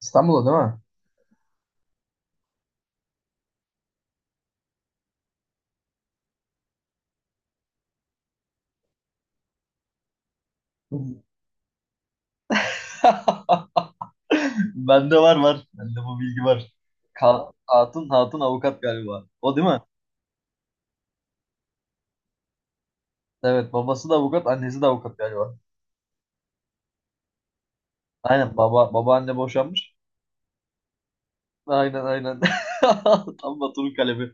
İstanbul'da değil mi? Bende var var. Bende bu bilgi var. Hatun avukat galiba. O değil mi? Evet, babası da avukat, annesi de avukat galiba. Aynen, babaanne boşanmış. Aynen, aynen. Tam Batu'nun kalemi.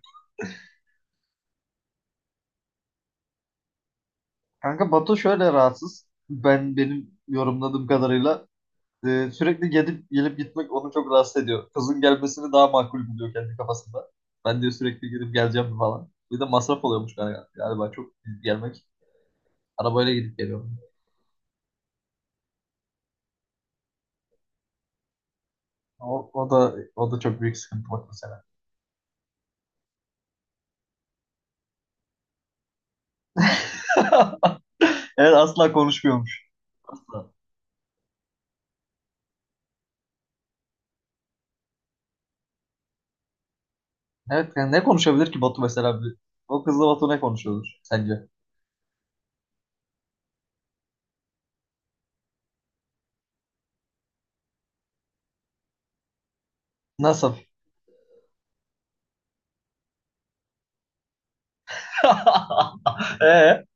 Kanka Batu şöyle rahatsız. Benim yorumladığım kadarıyla sürekli gelip gelip gitmek onu çok rahatsız ediyor. Kızın gelmesini daha makul buluyor kendi kafasında. Ben diyor sürekli gidip geleceğim falan. Bir de masraf oluyormuş galiba çok gelmek. Arabayla gidip geliyorum. O da çok büyük sıkıntı Batu mesela. Evet, asla konuşmuyormuş. Asla. Evet, yani ne konuşabilir ki Batu mesela? Bir? O kızla Batu ne konuşuyordur sence? Nasıl? Ee,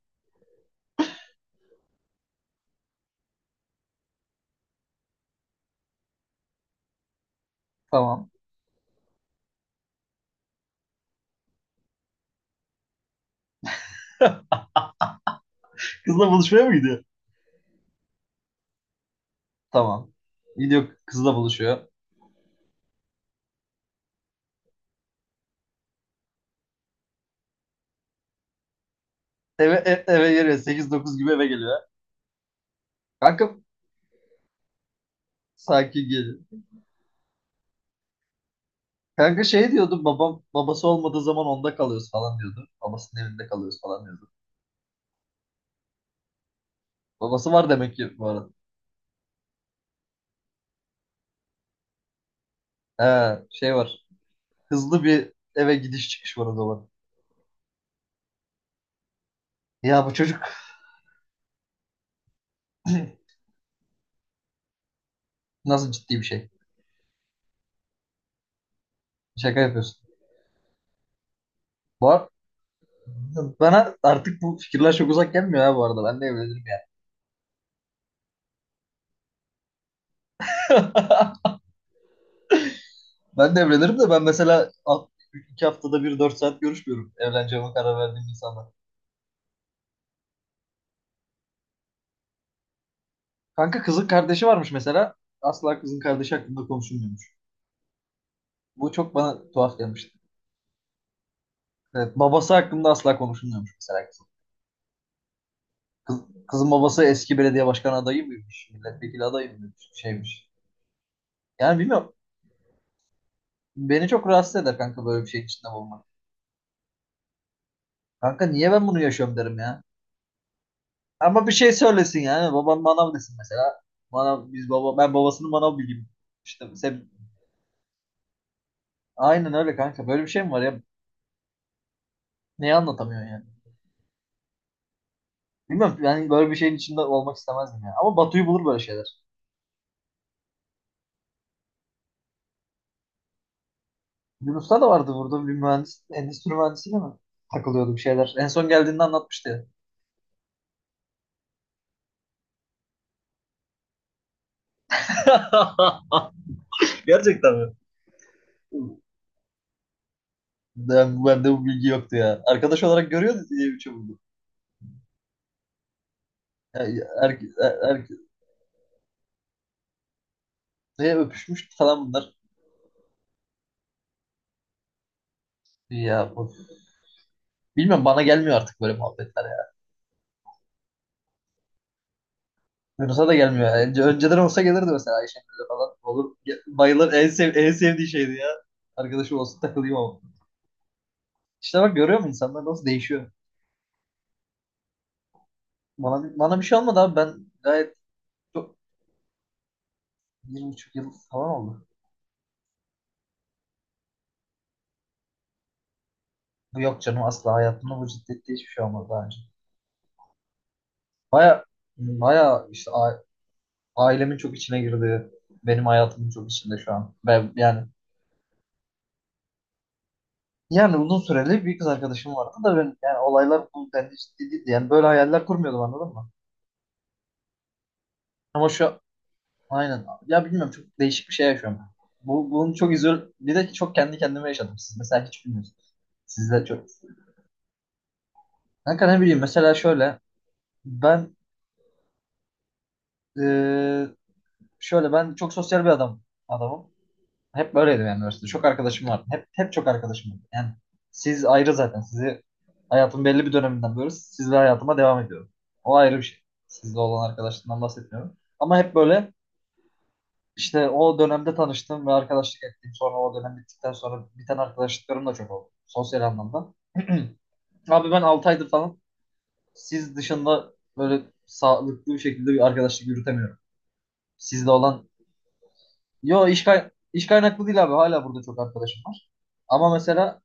Tamam. Kızla buluşmaya mı gidiyor? Tamam. Gidiyor, kızla buluşuyor. Eve geliyor. 8-9 gibi eve geliyor. Kanka sakin gelin. Kanka şey diyordu babası olmadığı zaman onda kalıyoruz falan diyordu. Babasının evinde kalıyoruz falan diyordu. Babası var demek ki bu arada. He, şey var. Hızlı bir eve gidiş çıkış var o zaman. Ya, bu çocuk nasıl ciddi bir şey? Şaka yapıyorsun. Var. Bana artık bu fikirler çok uzak gelmiyor ha bu arada. Ben de evlenirim yani. Ben de evlenirim de, ben mesela 2 haftada bir 4 saat görüşmüyorum evleneceğime karar verdiğim insanla. Kanka kızın kardeşi varmış mesela. Asla kızın kardeşi hakkında konuşulmuyormuş. Bu çok bana tuhaf gelmişti. Evet, babası hakkında asla konuşulmuyormuş mesela kızın. Kızın babası eski belediye başkanı adayı mıymış? Milletvekili adayı mıymış? Şeymiş. Yani, bilmiyorum. Beni çok rahatsız eder kanka böyle bir şeyin içinde bulmak. Kanka niye ben bunu yaşıyorum derim ya. Ama bir şey söylesin yani. Baban manav desin mesela. Manav, biz baba, ben babasının manav bilgim. İşte sen... Aynen öyle kanka. Böyle bir şey mi var ya? Neyi anlatamıyorsun yani? Bilmiyorum. Yani böyle bir şeyin içinde olmak istemezdim ya. Ama Batu'yu bulur böyle şeyler. Yunus'ta da vardı burada bir mühendis. Endüstri mühendisiyle mi? Takılıyordu bir şeyler. En son geldiğinde anlatmıştı ya. Gerçekten mi? Bende bu bilgi yoktu ya. Arkadaş olarak görüyordu diye bir çabuk. Ya, er, er, er- neye öpüşmüş falan bunlar. Ya bu- Bilmiyorum, bana gelmiyor artık böyle muhabbetler ya. Yunus'a da gelmiyor. Önceden olsa gelirdi mesela Ayşegül'le falan. Olur bayılır, en sevdiği şeydi ya. Arkadaşım olsun takılayım ama. İşte bak görüyor musun insanlar nasıl değişiyor. Bana bir şey olmadı abi, ben gayet çok, 1,5 yıl falan oldu. Bu yok canım, asla hayatımda bu ciddiyette hiçbir şey olmadı daha önce. Baya baya işte ailemin çok içine girdi. Benim hayatımın çok içinde şu an. Ben, yani uzun süreli bir kız arkadaşım vardı da ben yani olaylar bu denli ciddi değildi. Yani böyle hayaller kurmuyordum anladın mı? Ama şu aynen. Ya bilmiyorum, çok değişik bir şey yaşıyorum ben. Bunu çok izol bir de çok kendi kendime yaşadım. Siz mesela hiç bilmiyorsunuz. Siz de çok. Kanka ne bileyim mesela şöyle ben eee, şöyle ben çok sosyal bir adamım. Hep böyleydim benim üniversitede. Çok arkadaşım vardı. Hep çok arkadaşım vardı. Yani siz ayrı zaten. Sizi hayatın belli bir döneminden böyle sizle hayatıma devam ediyorum. O ayrı bir şey. Sizle olan arkadaşlığından bahsetmiyorum. Ama hep böyle işte o dönemde tanıştım ve arkadaşlık ettim. Sonra o dönem bittikten sonra biten arkadaşlıklarım da çok oldu. Sosyal anlamda. Abi ben 6 aydır falan siz dışında böyle sağlıklı bir şekilde bir arkadaşlık yürütemiyorum. Sizle olan... Yo, iş kaynaklı değil abi. Hala burada çok arkadaşım var. Ama mesela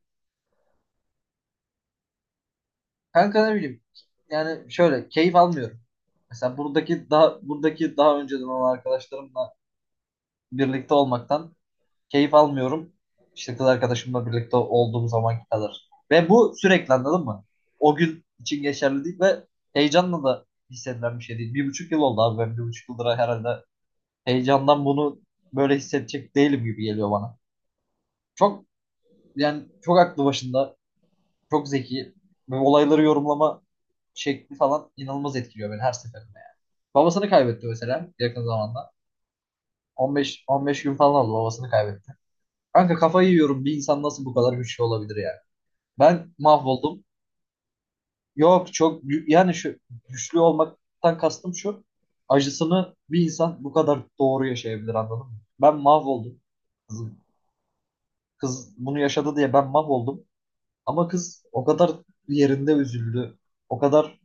kanka ne bileyim yani şöyle keyif almıyorum. Mesela buradaki daha önceden olan arkadaşlarımla birlikte olmaktan keyif almıyorum. İşte kız arkadaşımla birlikte olduğum zamanki kadar. Ve bu sürekli anladın mı? O gün için geçerli değil ve heyecanla da hissedilen bir şey değil. 1,5 yıl oldu abi, ben 1,5 yıldır herhalde heyecandan bunu böyle hissedecek değilim gibi geliyor bana. Çok, yani çok aklı başında, çok zeki. Ve olayları yorumlama şekli falan inanılmaz etkiliyor beni her seferinde yani. Babasını kaybetti mesela yakın zamanda. 15 gün falan oldu babasını kaybetti. Kanka kafayı yiyorum, bir insan nasıl bu kadar güçlü olabilir yani. Ben mahvoldum. Yok, yani şu güçlü olmaktan kastım şu. Acısını bir insan bu kadar doğru yaşayabilir anladın mı? Ben mahvoldum. Kız, kız bunu yaşadı diye ben mahvoldum. Ama kız o kadar yerinde üzüldü. O kadar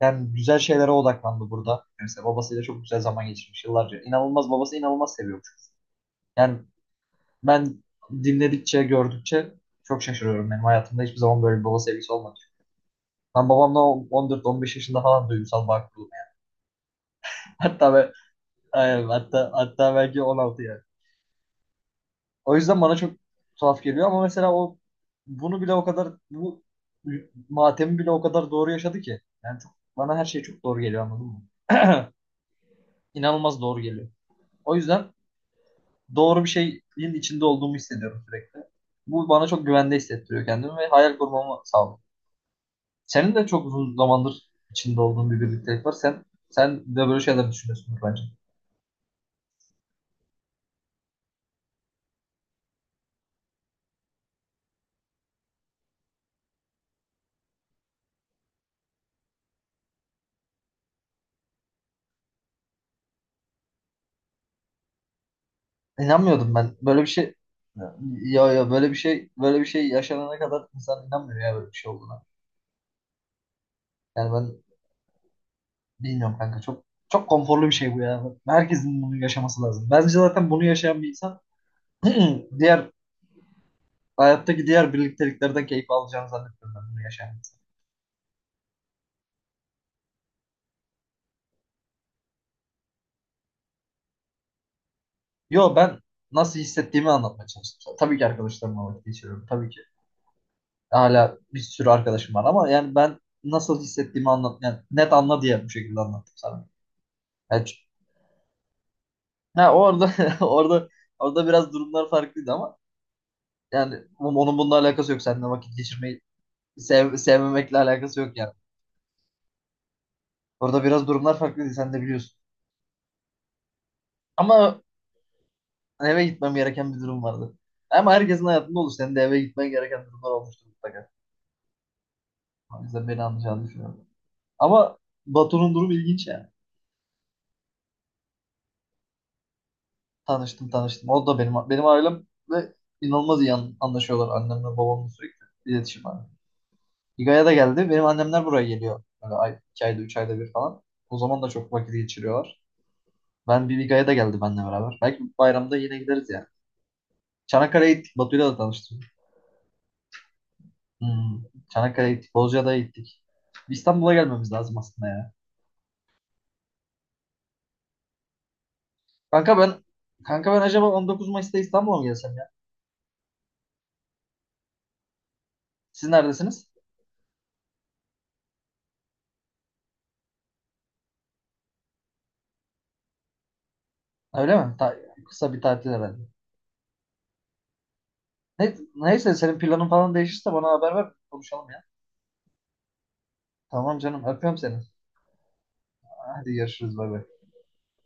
yani güzel şeylere odaklandı burada. Mesela babasıyla çok güzel zaman geçirmiş yıllarca. İnanılmaz, babası inanılmaz seviyormuş. Yani ben dinledikçe, gördükçe çok şaşırıyorum. Benim hayatımda hiçbir zaman böyle bir baba sevgisi olmadı. Ben babamla 14-15 yaşında falan duygusal bağ kurdum. Hatta ben, aynen, hatta belki 16 yani. O yüzden bana çok tuhaf geliyor ama mesela o bunu bile o kadar bu matemi bile o kadar doğru yaşadı ki. Yani çok, bana her şey çok doğru geliyor anladın mı? İnanılmaz doğru geliyor. O yüzden doğru bir şeyin içinde olduğumu hissediyorum sürekli. Bu bana çok güvende hissettiriyor kendimi ve hayal kurmamı sağlıyor. Senin de çok uzun zamandır içinde olduğun bir birliktelik var. Sen de böyle şeyler düşünüyorsundur bence. İnanmıyordum ben. Böyle bir şey... Ya, böyle bir şey yaşanana kadar insan inanmıyor ya böyle bir şey olduğuna. Yani ben bilmiyorum kanka, çok çok konforlu bir şey bu ya. Herkesin bunu yaşaması lazım. Bence zaten bunu yaşayan bir insan diğer hayattaki diğer birlikteliklerden keyif alacağını zannetmiyorum, ben bunu yaşayan. Yo, ben nasıl hissettiğimi anlatmaya çalıştım. Tabii ki arkadaşlarımla vakit geçiriyorum. Tabii ki hala bir sürü arkadaşım var ama yani ben nasıl hissettiğimi anlat yani net anla diye bu şekilde anlattım sana. Yani, ç- ha, orada orada orada biraz durumlar farklıydı ama yani onun bununla alakası yok. Seninle vakit geçirmeyi sevmemekle alakası yok yani. Orada biraz durumlar farklıydı sen de biliyorsun. Ama eve gitmem gereken bir durum vardı. Ama herkesin hayatında olur. Senin de eve gitmen gereken durumlar olmuştur mutlaka. O yüzden beni anlayacağını düşünüyorum. Ama Batu'nun durumu ilginç yani. Tanıştım, tanıştım. O da benim ailemle inanılmaz iyi anlaşıyorlar. Annemle babamla sürekli iletişim var. İGA'ya da geldi. Benim annemler buraya geliyor. Böyle 2 ayda, 3 ayda bir falan. O zaman da çok vakit geçiriyorlar. Ben bir İGA'ya da geldi benimle beraber. Belki bayramda yine gideriz yani. Çanakkale'ye gittik. Batu'yla da tanıştım. Hmm. Çanakkale'ye gittik. Bozcaada'ya gittik. İstanbul'a gelmemiz lazım aslında ya. Kanka ben kanka ben acaba 19 Mayıs'ta İstanbul'a mı gelsem ya? Siz neredesiniz? Öyle mi? Kısa bir tatil herhalde. Neyse senin planın falan değişirse bana haber ver. Konuşalım ya. Tamam canım, öpüyorum seni. Hadi görüşürüz, bay bay.